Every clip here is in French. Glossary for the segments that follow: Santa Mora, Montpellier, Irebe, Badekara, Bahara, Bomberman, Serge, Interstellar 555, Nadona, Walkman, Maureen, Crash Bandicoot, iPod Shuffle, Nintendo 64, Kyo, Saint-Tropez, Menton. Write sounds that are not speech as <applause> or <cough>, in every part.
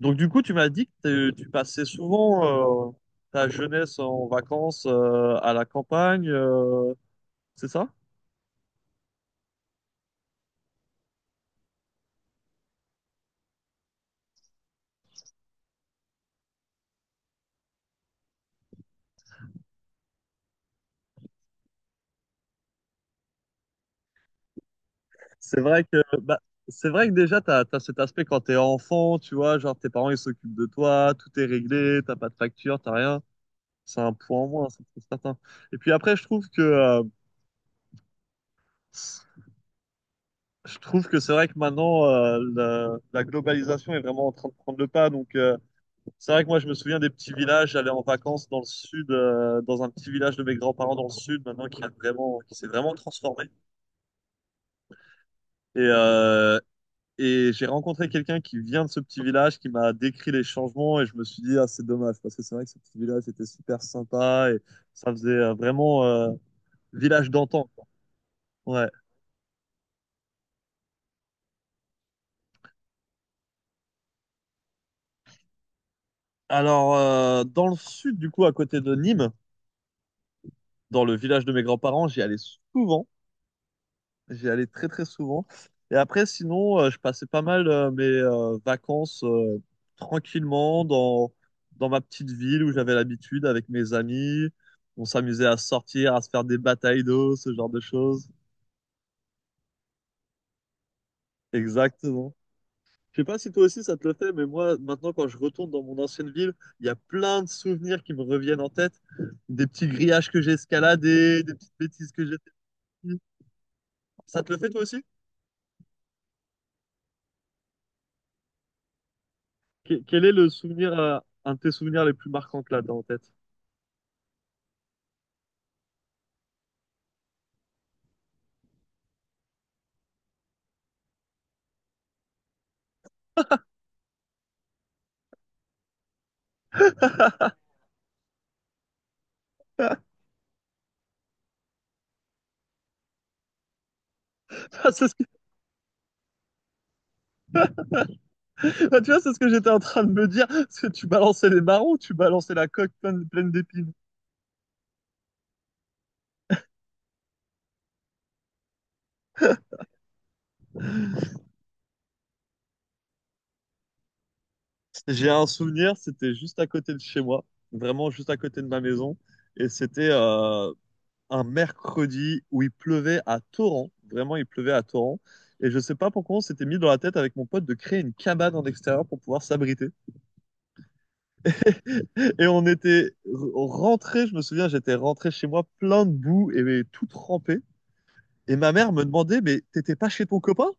Donc du coup, tu m'as dit que tu passais souvent ta jeunesse en vacances à la campagne, c'est ça? C'est vrai que bah, c'est vrai que déjà t'as cet aspect quand t'es enfant, tu vois, genre tes parents ils s'occupent de toi, tout est réglé, t'as pas de facture, t'as rien. C'est un point en moins, c'est certain. Et puis après, je trouve que c'est vrai que maintenant la globalisation est vraiment en train de prendre le pas, c'est vrai que moi, je me souviens des petits villages. J'allais en vacances dans le sud, dans un petit village de mes grands-parents dans le sud, maintenant qui a qui s'est vraiment transformé. Et, euh, et j'ai rencontré quelqu'un qui vient de ce petit village, qui m'a décrit les changements, et je me suis dit, ah, c'est dommage, parce que c'est vrai que ce petit village était super sympa, et ça faisait vraiment village d'antan, quoi. Ouais. Alors, dans le sud, du coup, à côté de Nîmes, dans le village de mes grands-parents, j'y allais souvent. J'y allais très très souvent. Et après, sinon, je passais pas mal mes vacances tranquillement dans ma petite ville où j'avais l'habitude avec mes amis. On s'amusait à sortir, à se faire des batailles d'eau, ce genre de choses. Exactement. Je sais pas si toi aussi ça te le fait, mais moi, maintenant, quand je retourne dans mon ancienne ville, il y a plein de souvenirs qui me reviennent en tête. Des petits grillages que j'ai escaladés, des petites bêtises que j'ai faites. Ça te le fait toi aussi? Quel est le souvenir, un de tes souvenirs les plus marquants que là, t'as en tête? Enfin, enfin, tu vois, c'est ce que j'étais en train de me dire. Parce que tu balançais les marrons, tu balançais la coque pleine, pleine d'épines. J'ai un souvenir, c'était juste à côté de chez moi, vraiment juste à côté de ma maison. Et c'était un mercredi où il pleuvait à torrent. Vraiment, il pleuvait à torrent. Et je sais pas pourquoi on s'était mis dans la tête avec mon pote de créer une cabane en extérieur pour pouvoir s'abriter. Et on était rentrés, je me souviens, j'étais rentré chez moi plein de boue et tout trempé. Et ma mère me demandait, mais t'étais pas chez ton copain?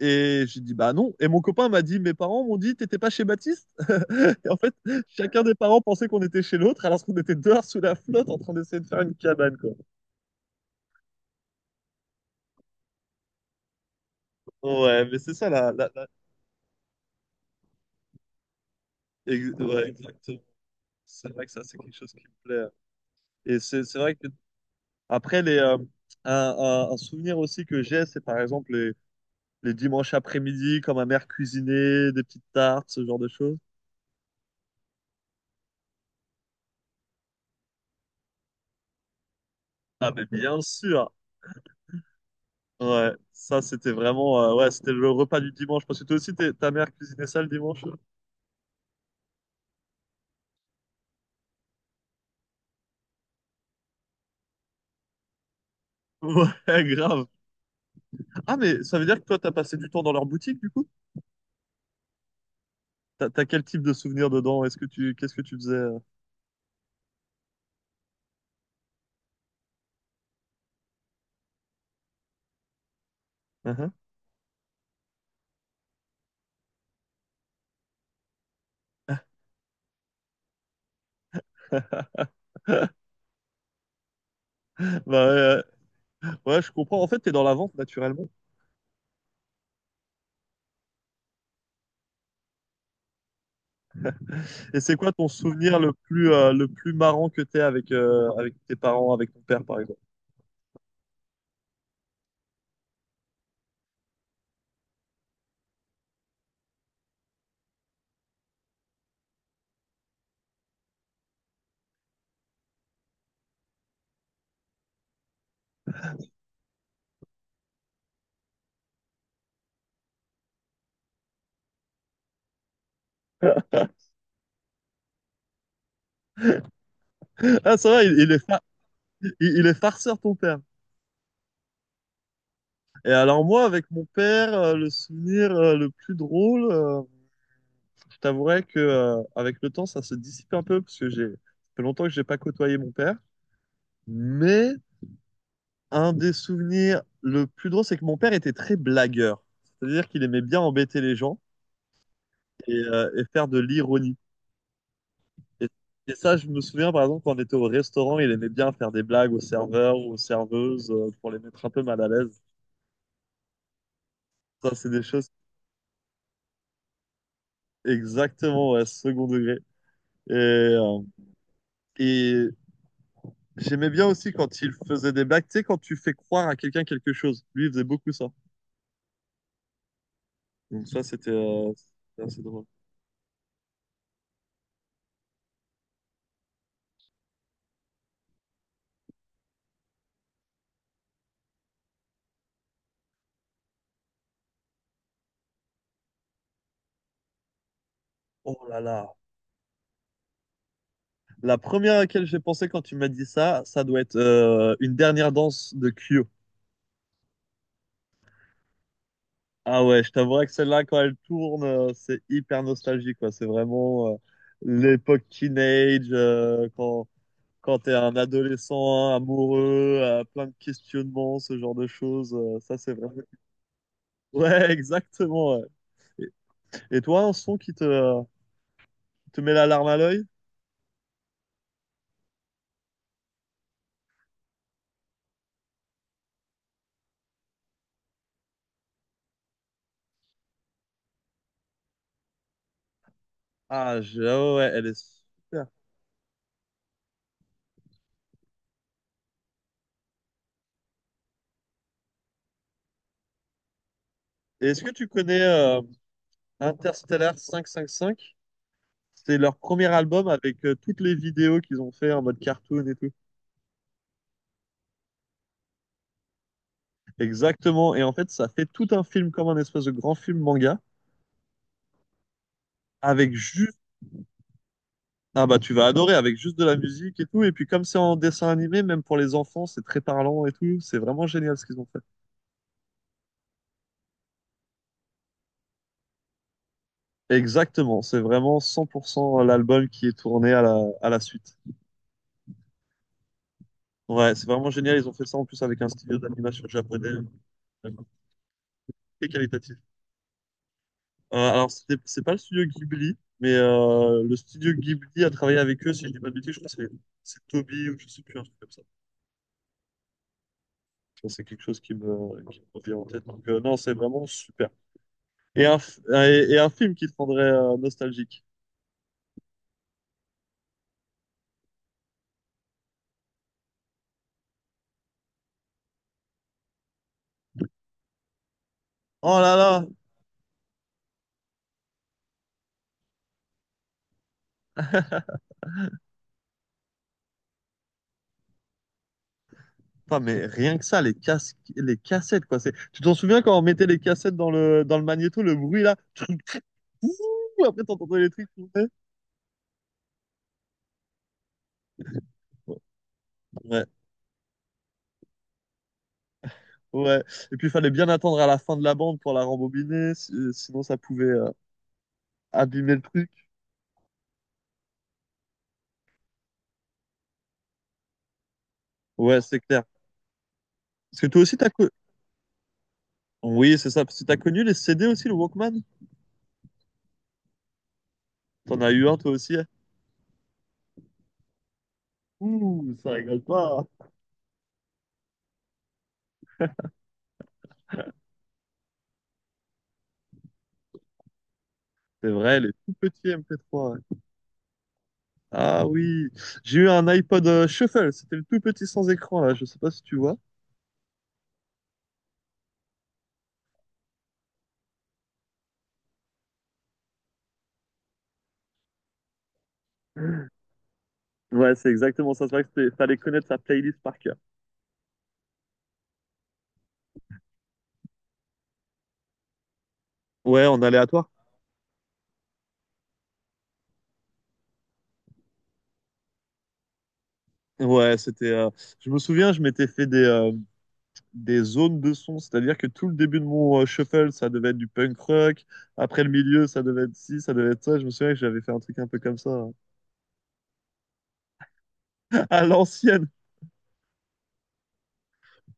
Et j'ai dit, bah non. Et mon copain m'a dit, mes parents m'ont dit, t'étais pas chez Baptiste? <laughs> Et en fait, chacun des parents pensait qu'on était chez l'autre, alors qu'on était dehors sous la flotte en train d'essayer de faire une cabane, quoi. Ouais, mais c'est ça, ouais, exactement. C'est vrai que ça, c'est quelque chose qui me plaît, hein. Et c'est vrai que, après, un souvenir aussi que j'ai, c'est par exemple les dimanches après-midi, quand ma mère cuisinait des petites tartes, ce genre de choses. Ah, mais bien sûr. Ouais, ça c'était vraiment ouais, c'était le repas du dimanche parce que toi aussi ta mère cuisinait ça le dimanche. Ouais, <laughs> grave. Ah mais ça veut dire que toi t'as passé du temps dans leur boutique du coup? T'as quel type de souvenirs dedans? Est-ce que tu qu'est-ce que tu faisais? Mhm. <laughs> Bah ouais, ouais, je comprends. En fait, t'es dans la vente naturellement. Et c'est quoi ton souvenir le plus marrant que t'aies avec avec tes parents, avec ton père par exemple? Ah ça va, il est farceur ton père. Et alors moi avec mon père, le souvenir le plus drôle. Je t'avouerais que, avec le temps, ça se dissipe un peu parce que ça fait longtemps que j'ai pas côtoyé mon père. Mais un des souvenirs le plus drôle, c'est que mon père était très blagueur. C'est-à-dire qu'il aimait bien embêter les gens et faire de l'ironie. Et, et ça, je me souviens, par exemple, quand on était au restaurant, il aimait bien faire des blagues aux serveurs ou aux serveuses pour les mettre un peu mal à l'aise. Ça, c'est des choses exactement, ouais, second degré. Et, euh, et J'aimais bien aussi quand il faisait des blagues, tu sais, quand tu fais croire à quelqu'un quelque chose. Lui, il faisait beaucoup ça. Donc ça, c'était c'était assez drôle. Oh là là. La première à laquelle j'ai pensé quand tu m'as dit ça, ça doit être une dernière danse de Kyo. Ah ouais, je t'avouerais que celle-là, quand elle tourne, c'est hyper nostalgique, quoi. C'est vraiment l'époque teenage, quand t'es un adolescent hein, amoureux, plein de questionnements, ce genre de choses. Ça, c'est vraiment... Ouais, <laughs> exactement, ouais. Et toi, un son qui te met la larme à l'œil. Ah ouais, ouais, elle est super. Et est-ce que tu connais Interstellar 555? C'est leur premier album avec toutes les vidéos qu'ils ont fait en mode cartoon et tout. Exactement. Et en fait, ça fait tout un film comme un espèce de grand film manga avec juste. Ah bah tu vas adorer avec juste de la musique et tout. Et puis comme c'est en dessin animé, même pour les enfants, c'est très parlant et tout. C'est vraiment génial ce qu'ils ont fait. Exactement. C'est vraiment 100% l'album qui est tourné à la suite. Ouais, c'est vraiment génial. Ils ont fait ça en plus avec un studio d'animation japonais euh, très qualitatif. Alors, c'est pas le studio Ghibli, mais le studio Ghibli a travaillé avec eux, si je dis pas de bêtises, je crois que c'est Toby ou je sais plus, un truc comme ça. Bon, c'est quelque chose qui me revient en tête. Donc, non, c'est vraiment super. Et un film qui te rendrait nostalgique. Oh là là! Putain, mais rien que ça, les casques, les cassettes, quoi. Tu t'en souviens quand on mettait les cassettes dans dans le magnéto, le bruit là? Ouh. Après, t'entendais les trucs tourner. Ouais, ouais. Et puis il fallait bien attendre à la fin de la bande pour la rembobiner, sinon ça pouvait abîmer le truc. Ouais, c'est clair. Parce que toi aussi, t'as connu. Oui, c'est ça. Parce que t'as connu les CD aussi, le Walkman? T'en as eu un toi aussi, hein? Ouh, ça rigole pas, hein. C'est vrai, les tout petits MP3, ouais. Ah oui. J'ai eu un iPod Shuffle. C'était le tout petit sans écran, là. Je sais pas si tu vois. Ouais, c'est exactement ça. C'est vrai que fallait connaître sa playlist par cœur. Ouais, en aléatoire. Ouais, c'était. Je me souviens, je m'étais fait des zones de son, c'est-à-dire que tout le début de mon shuffle, ça devait être du punk rock, après le milieu, ça devait être ci, ça devait être ça, je me souviens que j'avais fait un truc un peu comme ça, hein. <laughs> À l'ancienne.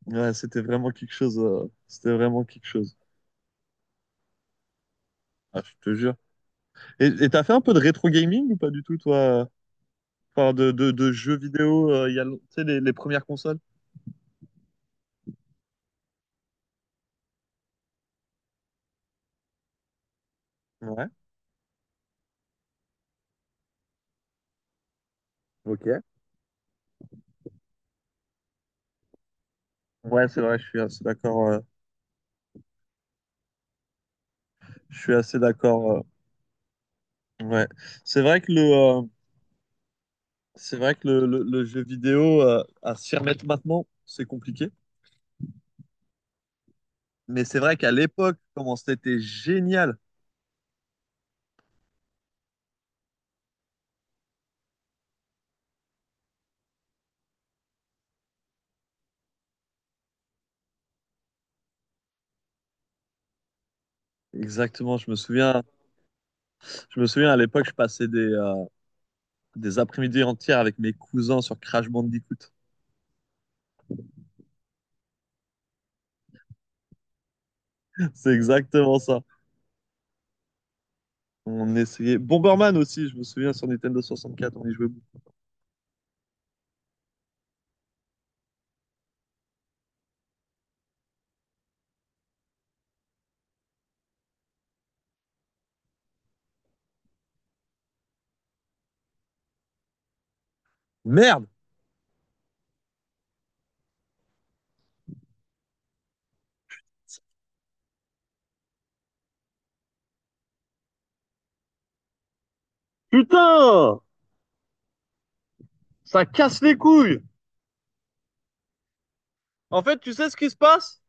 Ouais, c'était vraiment quelque chose, c'était vraiment quelque chose. Ah, je te jure. Et t'as fait un peu de rétro gaming ou pas du tout, toi? Enfin, de jeux vidéo, il y a, tu sais, les premières consoles? Ouais. Ok. Ouais, c'est vrai, je suis assez d'accord. Je suis assez d'accord. Ouais, c'est vrai que c'est vrai que le jeu vidéo, à s'y remettre maintenant, c'est compliqué. Mais c'est vrai qu'à l'époque, comment c'était génial. Exactement, je me souviens à l'époque, je passais des après-midi entières avec mes cousins sur Crash Bandicoot. <laughs> C'est exactement ça. On essayait. Bomberman aussi, je me souviens sur Nintendo 64, on y jouait beaucoup. Merde! Putain! Ça casse les couilles! En fait, tu sais ce qui se passe?